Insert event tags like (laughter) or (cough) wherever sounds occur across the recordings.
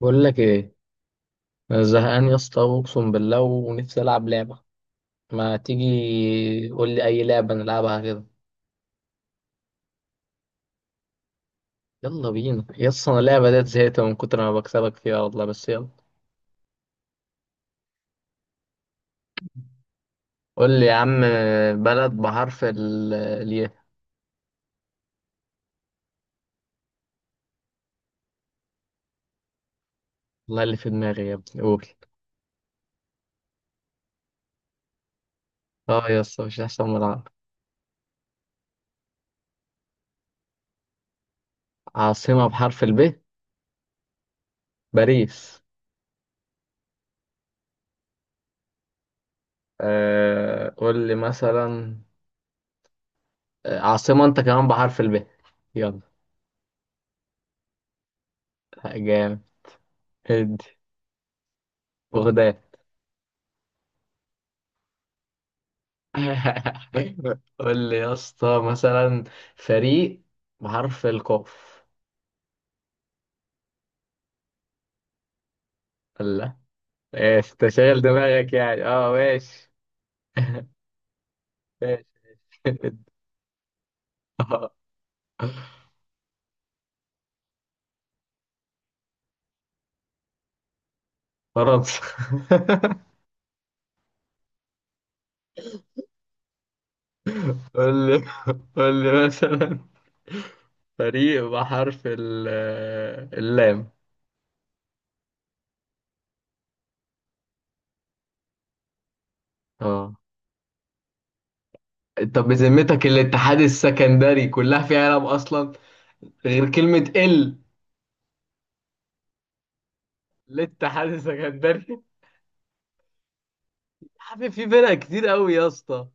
بقول لك ايه. انا زهقان يا اسطى، اقسم بالله ونفسي العب لعبه. ما تيجي قول لي اي لعبه نلعبها كده. يلا بينا يا اسطى، انا اللعبه ديت زهقت من كتر ما بكسبك فيها والله، بس يلا. قول لي يا عم، بلد بحرف الياء. والله اللي في دماغي يا ابني قول. اه يا اسطى، مش احسن من العب. عاصمه بحرف الب، باريس. آه قول لي مثلا، عاصمه انت كمان بحرف الب، يلا. جامد، ادي. بغداد. (laughs) قول لي يا اسطى مثلا، فريق بحرف القاف. لا، ايش تشغل دماغك يعني، اه ماشي. (laughs) آه، فرنسا. (laughs) قول لي، قول لي مثلا، فريق بحرف اللام. اه، طب بذمتك الاتحاد السكندري كلها فيها لام اصلا، غير كلمة ال. الاتحاد السكندري (laughs) يا عم، في فرق كتير قوي يا اسطى.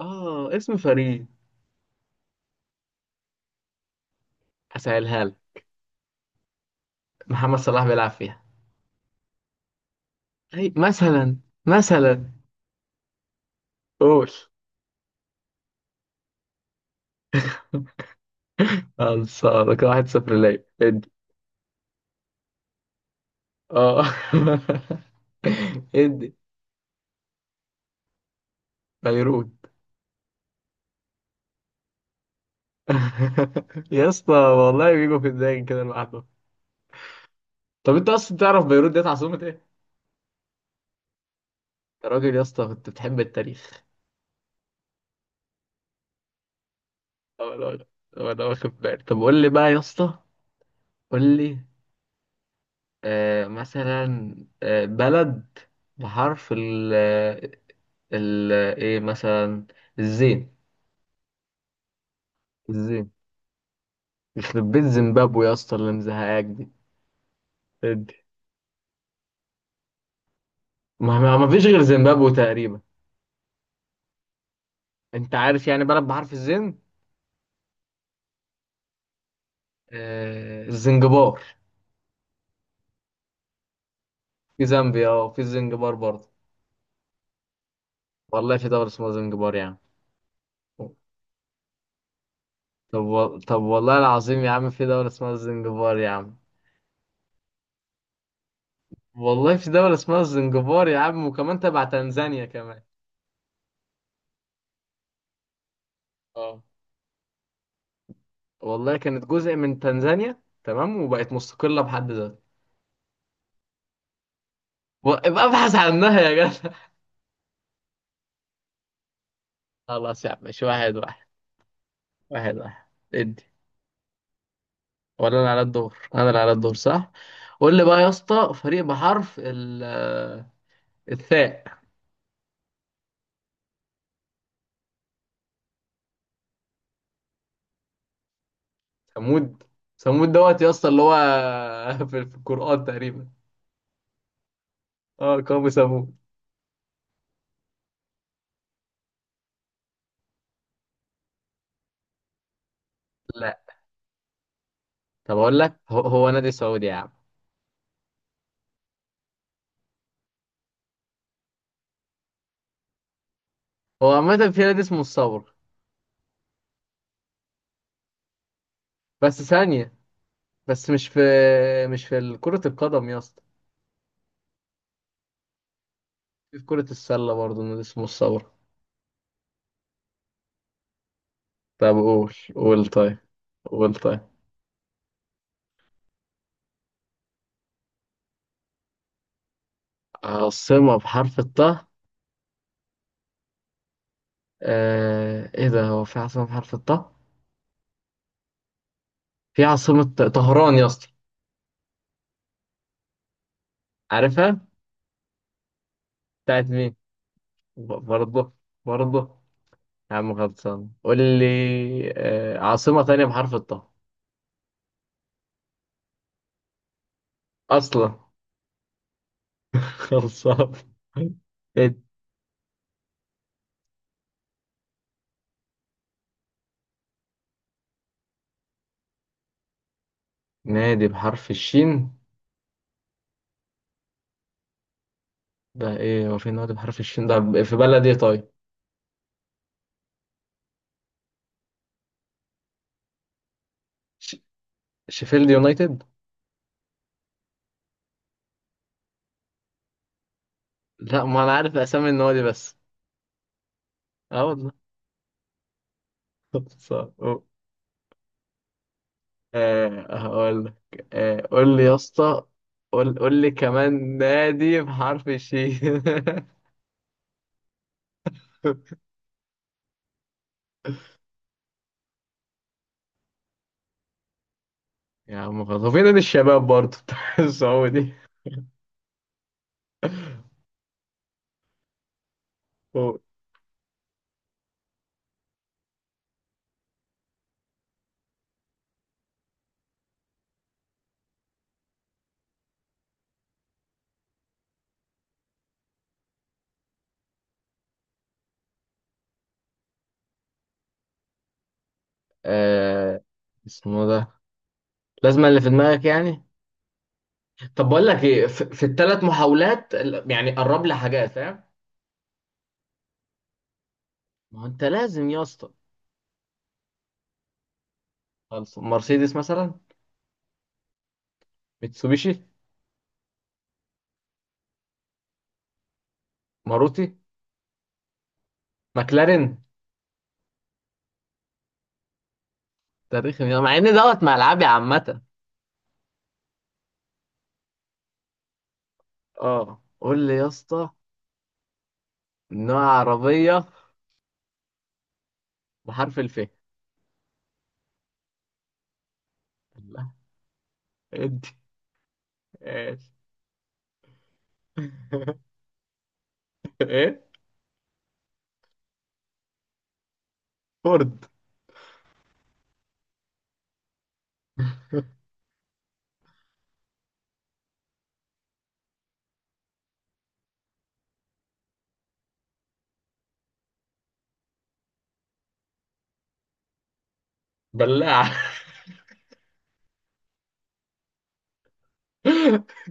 اه، اسم فريق. هسألها لك. محمد صلاح بيلعب فيها. أي مثلا، مثلا قول. خلصانة كده، واحد صفر ليا، ادي. اه (laughs) ادي. بيروت. (laughs) يا اسطى والله بيجوا في دماغي كده لوحده. طب انت اصلا تعرف بيروت ديت عاصمة ايه؟ يا راجل يا اسطى، كنت بتحب التاريخ. طب انا، طب انا واخد بالي، طب قول لي بقى يا اسطى، قول لي آه مثلا، آه بلد بحرف ال، ال ايه مثلا، الزين. ازاي، يخرب بيت زيمبابوي يا اسطى اللي مزهقاك دي. ادي. ما فيش غير زيمبابوي تقريبا. انت عارف يعني بلد بحرف الزين؟ آه الزنجبار. في زامبيا، اه في الزنجبار برضه. والله في دولة اسمها زنجبار يا عم. طب والله العظيم يا عم، في دولة اسمها الزنجبار يا عم. والله في دولة اسمها الزنجبار يا عم، وكمان تبع تنزانيا كمان. اه، والله كانت جزء من تنزانيا تمام، وبقت مستقلة بحد ذاتها. ابقى ابحث عنها يا جدع. (laughs) خلاص يا عم، مش واحد واحد. واحد واحد، ادي. ولا انا على الدور؟ انا اللي على الدور صح. قول لي بقى يا اسطى، فريق بحرف ال الثاء. ثمود. ثمود دوت يا اسطى، اللي هو (laughs) في في القرآن تقريبا. اه، قوم ثمود. لا طب اقول لك، هو نادي سعودي يا عم. هو عامة في نادي اسمه الثور. بس ثانية، بس مش في كرة القدم يا اسطى. في كرة السلة برضه نادي اسمه الثور. طب قول، قول طيب، قول طيب. عاصمة بحرف الطاء؟ آه ايه ده، هو في عاصمة بحرف الطاء؟ في عاصمة. طهران يا اسطى، عارفها. بتاعت مين؟ برضه؟ برضه. يا عم خلصان، قول لي آه عاصمة تانية بحرف الطاء. اصلا. (laughs) خلصان. إيه؟ نادي بحرف الشين. ده ايه، هو في نادي بحرف الشين ده، في بلد ايه طيب؟ ش- شيفيلد يونايتد. لا، ما انا عارف اسامي النوادي بس. اه والله. (laughs) خلصان. آه هقول لك، آه قول لي يا اسطى، قول، قول لي كمان نادي بحرف الشين. (laughs) يا عم خلاص، هو في نادي الشباب برضه بتاع (laughs) السعودي. هو- آه اسمه ده، لازم اللي في دماغك يعني؟ طب بقول لك ايه، في الثلاث محاولات يعني قرب لي حاجات، فاهم؟ ما هو انت لازم يا اسطى. خلاص، مرسيدس مثلا. ميتسوبيشي. ماروتي. ماكلارين. تاريخ مع ان دوت ملعبي عامه. اه قول لي يا اسطى، نوع عربيه بحرف الف. لا انت، ايش. (laughs) ايه؟ فورد. بلاعة. (laughs)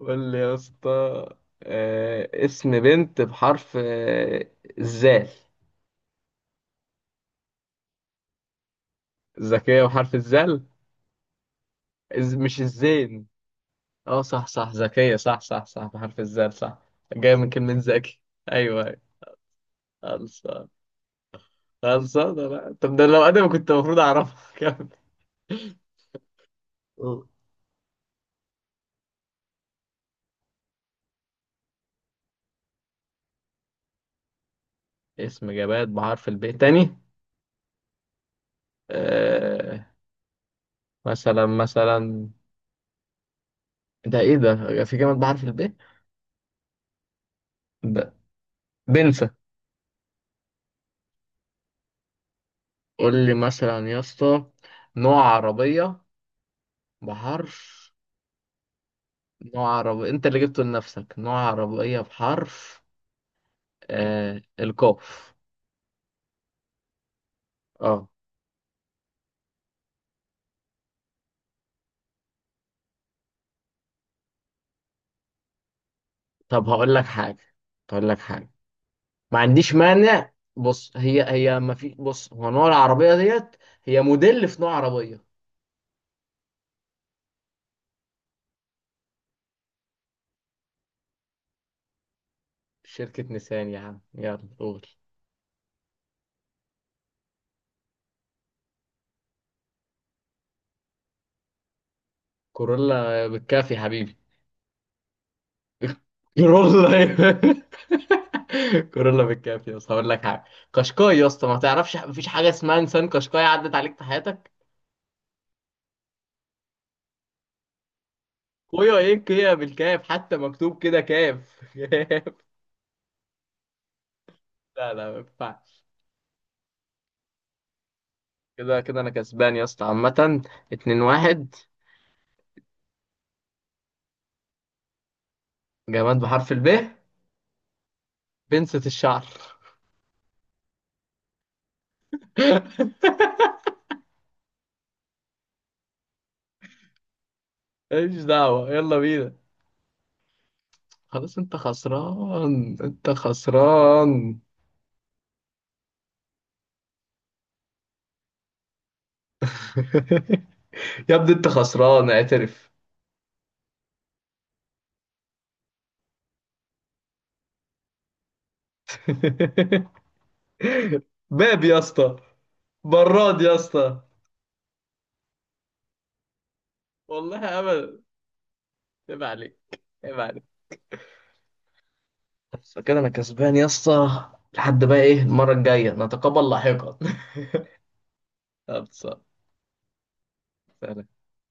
قول لي يا اسطى، اسم بنت بحرف الزال. ذكية بحرف الزال؟ مش الزين؟ اه صح صح، ذكية صح صح صح، بحرف الزال صح. جاية من كلمة ذكي. ايوه، أيوة. خلصان، خلصان. لا طب ده لو انا كنت المفروض اعرفها. (laughs) كمل قول. اسم جماد بحرف الب تاني. آه مثلا، مثلا، ده ايه ده، في جامد بحرف الب. ب... بنسى. قول لي مثلا يا اسطى، نوع عربية بحرف، نوع عربية انت اللي جبته لنفسك. نوع عربية بحرف القاف. اه طب هقول لك حاجة، هقول لك حاجة، ما عنديش مانع. بص، هي ما في، بص، هو نوع العربية ديت، هي موديل في نوع عربية. شركة نيسان يا عم، يلا قول. كورولا بالكافي يا حبيبي. كورولا. (laughs) كورولا بالكافي يا اسطى. هقول لك حاجه، قشقاي يا اسطى. ما تعرفش، مفيش حاجه اسمها انسان قشقاي عدت عليك في حياتك؟ ويا ايه، هي بالكاف، حتى مكتوب كده كاف. (laughs) كاف. لا لا، ما ينفعش. كده انا كسبان يا اسطى عامه، 2 1. جماد بحرف الب، بنسة الشعر. (laughs) ماليش دعوه، يلا بينا. خلاص انت خسران، انت خسران. (laughs) يا ابني انت خسران، اعترف. (laughs) باب يا اسطى، براد يا اسطى. والله ابدا، عيب عليك، عيب عليك. بس كده انا كسبان يا اسطى. لحد بقى ايه، المره الجايه نتقابل لاحقا. (laughs) خلصة. سلام.